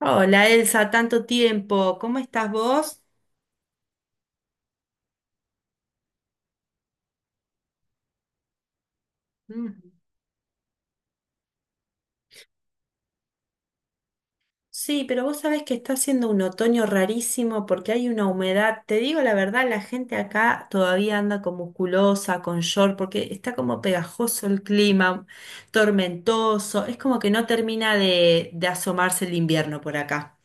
Hola Elsa, tanto tiempo. ¿Cómo estás vos? Mm. Sí, pero vos sabés que está haciendo un otoño rarísimo porque hay una humedad. Te digo la verdad, la gente acá todavía anda con musculosa, con short, porque está como pegajoso el clima, tormentoso. Es como que no termina de asomarse el invierno por acá.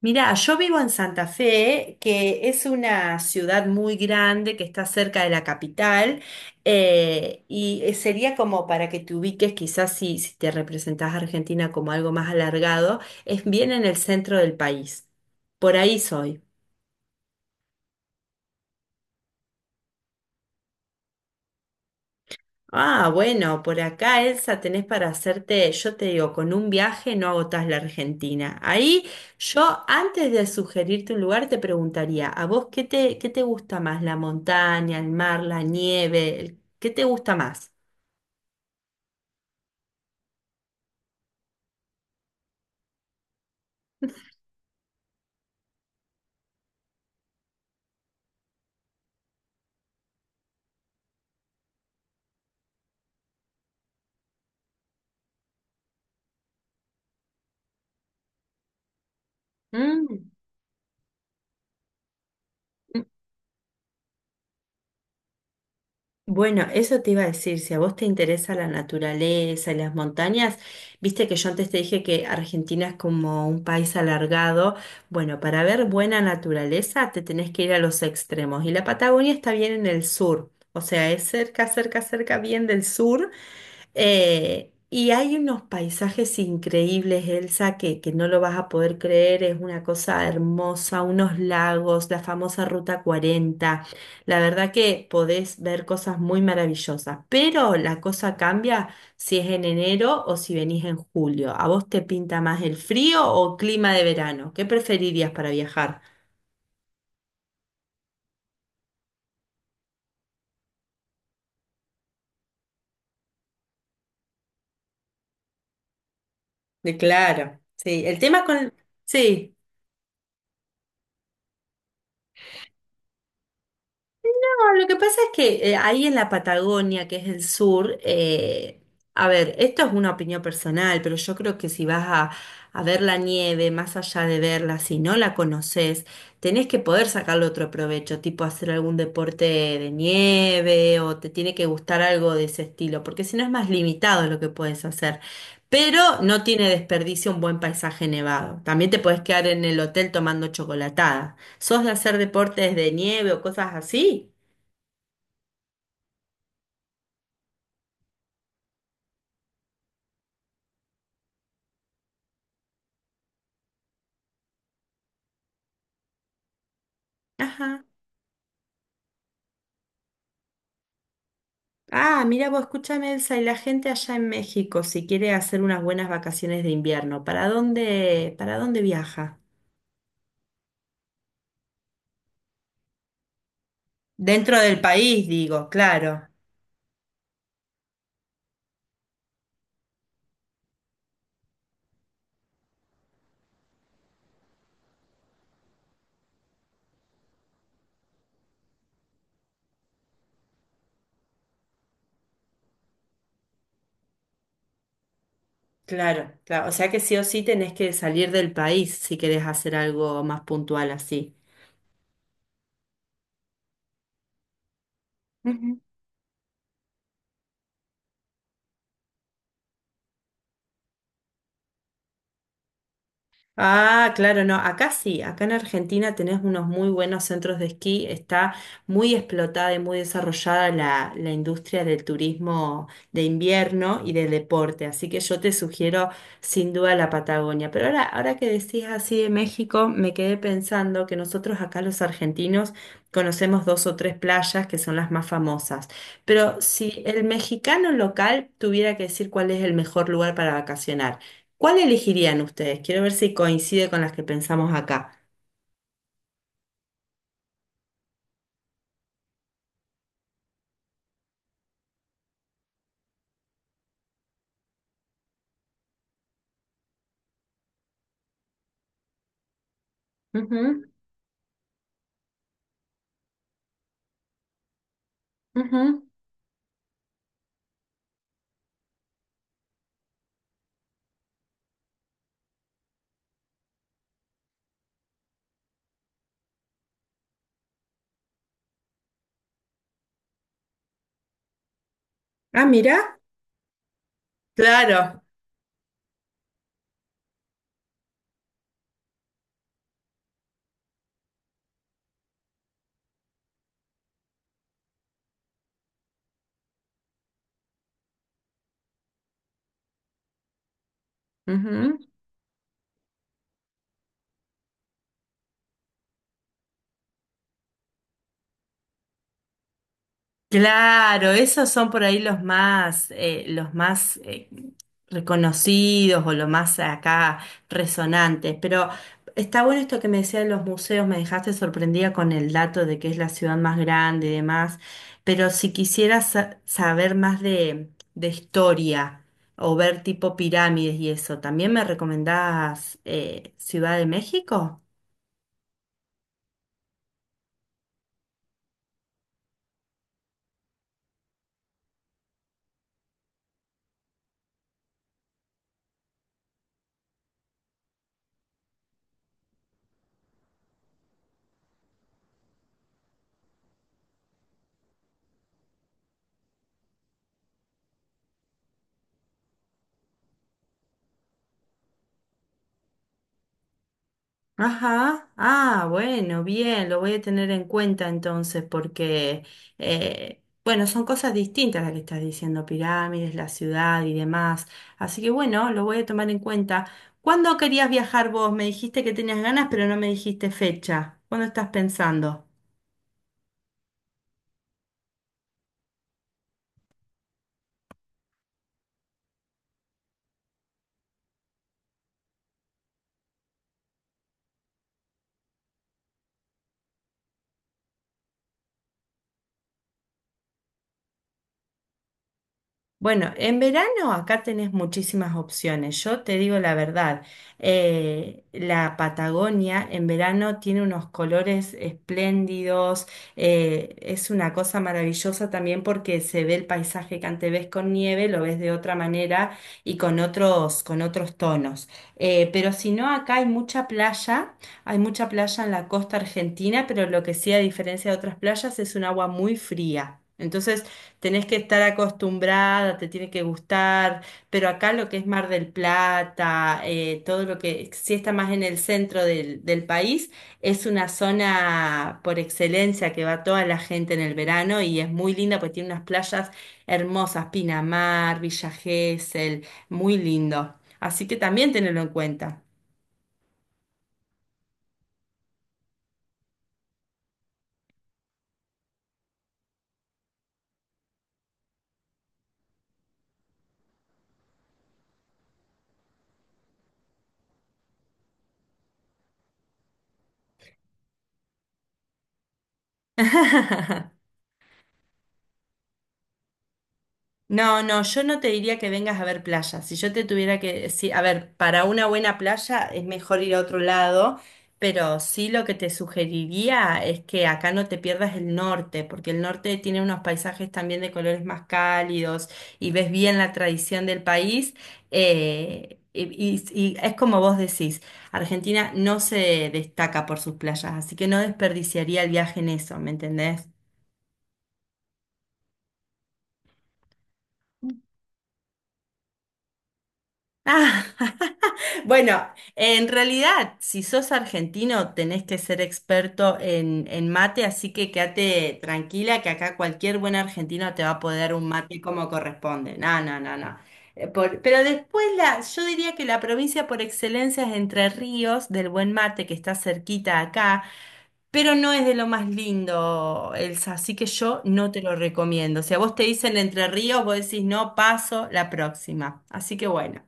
Mirá, yo vivo en Santa Fe, que es una ciudad muy grande que está cerca de la capital, y sería como para que te ubiques, quizás si te representás a Argentina como algo más alargado, es bien en el centro del país. Por ahí soy. Ah, bueno, por acá, Elsa, tenés para hacerte, yo te digo, con un viaje no agotás la Argentina. Ahí yo, antes de sugerirte un lugar, te preguntaría, ¿a vos qué te gusta más? ¿La montaña, el mar, la nieve? ¿Qué te gusta más? Mm. Bueno, eso te iba a decir, si a vos te interesa la naturaleza y las montañas, viste que yo antes te dije que Argentina es como un país alargado. Bueno, para ver buena naturaleza te tenés que ir a los extremos y la Patagonia está bien en el sur, o sea, es cerca, cerca, cerca, bien del sur. Y hay unos paisajes increíbles, Elsa, que no lo vas a poder creer, es una cosa hermosa, unos lagos, la famosa Ruta Cuarenta. La verdad que podés ver cosas muy maravillosas, pero la cosa cambia si es en enero o si venís en julio. ¿A vos te pinta más el frío o clima de verano? ¿Qué preferirías para viajar? De claro, sí. El tema con... Sí. No, lo que pasa es que ahí en la Patagonia, que es el sur, a ver, esto es una opinión personal, pero yo creo que si a ver la nieve, más allá de verla, si no la conoces, tenés que poder sacarle otro provecho, tipo hacer algún deporte de nieve o te tiene que gustar algo de ese estilo, porque si no es más limitado lo que puedes hacer. Pero no tiene desperdicio un buen paisaje nevado. También te puedes quedar en el hotel tomando chocolatada. ¿Sos de hacer deportes de nieve o cosas así? Ajá. Ah, mira vos, escúchame, Elsa, y la gente allá en México, si quiere hacer unas buenas vacaciones de invierno, ¿para dónde viaja? Dentro del país, digo, claro, claro, claro. O sea que sí o sí tenés que salir del país si querés hacer algo más puntual así. Ah, claro, no, acá sí, acá en Argentina tenés unos muy buenos centros de esquí, está muy explotada y muy desarrollada la industria del turismo de invierno y del deporte, así que yo te sugiero sin duda la Patagonia. Pero ahora que decís así de México, me quedé pensando que nosotros acá los argentinos conocemos dos o tres playas que son las más famosas, pero si el mexicano local tuviera que decir cuál es el mejor lugar para vacacionar. ¿Cuál elegirían ustedes? Quiero ver si coincide con las que pensamos acá. Ujú, ujú. Ah, mira, claro. Claro, esos son por ahí los más reconocidos o los más acá resonantes. Pero está bueno esto que me decías de los museos, me dejaste sorprendida con el dato de que es la ciudad más grande y demás. Pero si quisieras saber más de historia o ver tipo pirámides y eso, ¿también me recomendás Ciudad de México? Ajá, ah, bueno, bien, lo voy a tener en cuenta entonces porque, bueno, son cosas distintas las que estás diciendo, pirámides, la ciudad y demás. Así que bueno, lo voy a tomar en cuenta. ¿Cuándo querías viajar vos? Me dijiste que tenías ganas, pero no me dijiste fecha. ¿Cuándo estás pensando? Bueno, en verano acá tenés muchísimas opciones. Yo te digo la verdad, la Patagonia en verano tiene unos colores espléndidos, es una cosa maravillosa también porque se ve el paisaje que antes ves con nieve, lo ves de otra manera y con con otros tonos. Pero si no, acá hay mucha playa en la costa argentina, pero lo que sí, a diferencia de otras playas, es un agua muy fría. Entonces, tenés que estar acostumbrada, te tiene que gustar, pero acá lo que es Mar del Plata, todo lo que sí está más en el centro del país, es una zona por excelencia que va toda la gente en el verano y es muy linda porque tiene unas playas hermosas, Pinamar, Villa Gesell, muy lindo. Así que también tenelo en cuenta. No, no, yo no te diría que vengas a ver playa. Si yo te tuviera que decir, a ver, para una buena playa es mejor ir a otro lado, pero sí lo que te sugeriría es que acá no te pierdas el norte, porque el norte tiene unos paisajes también de colores más cálidos y ves bien la tradición del país. eh, y, y es como vos decís, Argentina no se destaca por sus playas, así que no desperdiciaría el viaje en eso, ¿me entendés? Bueno, en realidad, si sos argentino, tenés que ser experto en mate, así que quédate tranquila que acá cualquier buen argentino te va a poder un mate como corresponde. No, no, no, no. Pero después la, yo diría que la provincia por excelencia es Entre Ríos, del buen mate que está cerquita acá, pero no es de lo más lindo, Elsa, así que yo no te lo recomiendo. Si a vos te dicen Entre Ríos, vos decís no, paso la próxima. Así que bueno.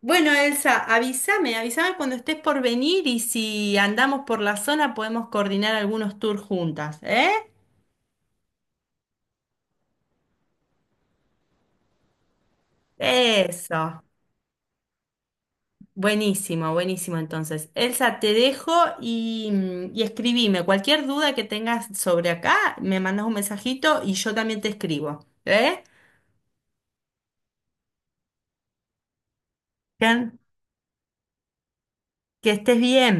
Bueno, Elsa, avísame cuando estés por venir y si andamos por la zona podemos coordinar algunos tours juntas, ¿eh? Eso. Buenísimo, buenísimo. Entonces, Elsa, te dejo y, y escribime. Cualquier duda que tengas sobre acá, me mandas un mensajito y yo también te escribo, ¿eh? Que, que estés bien.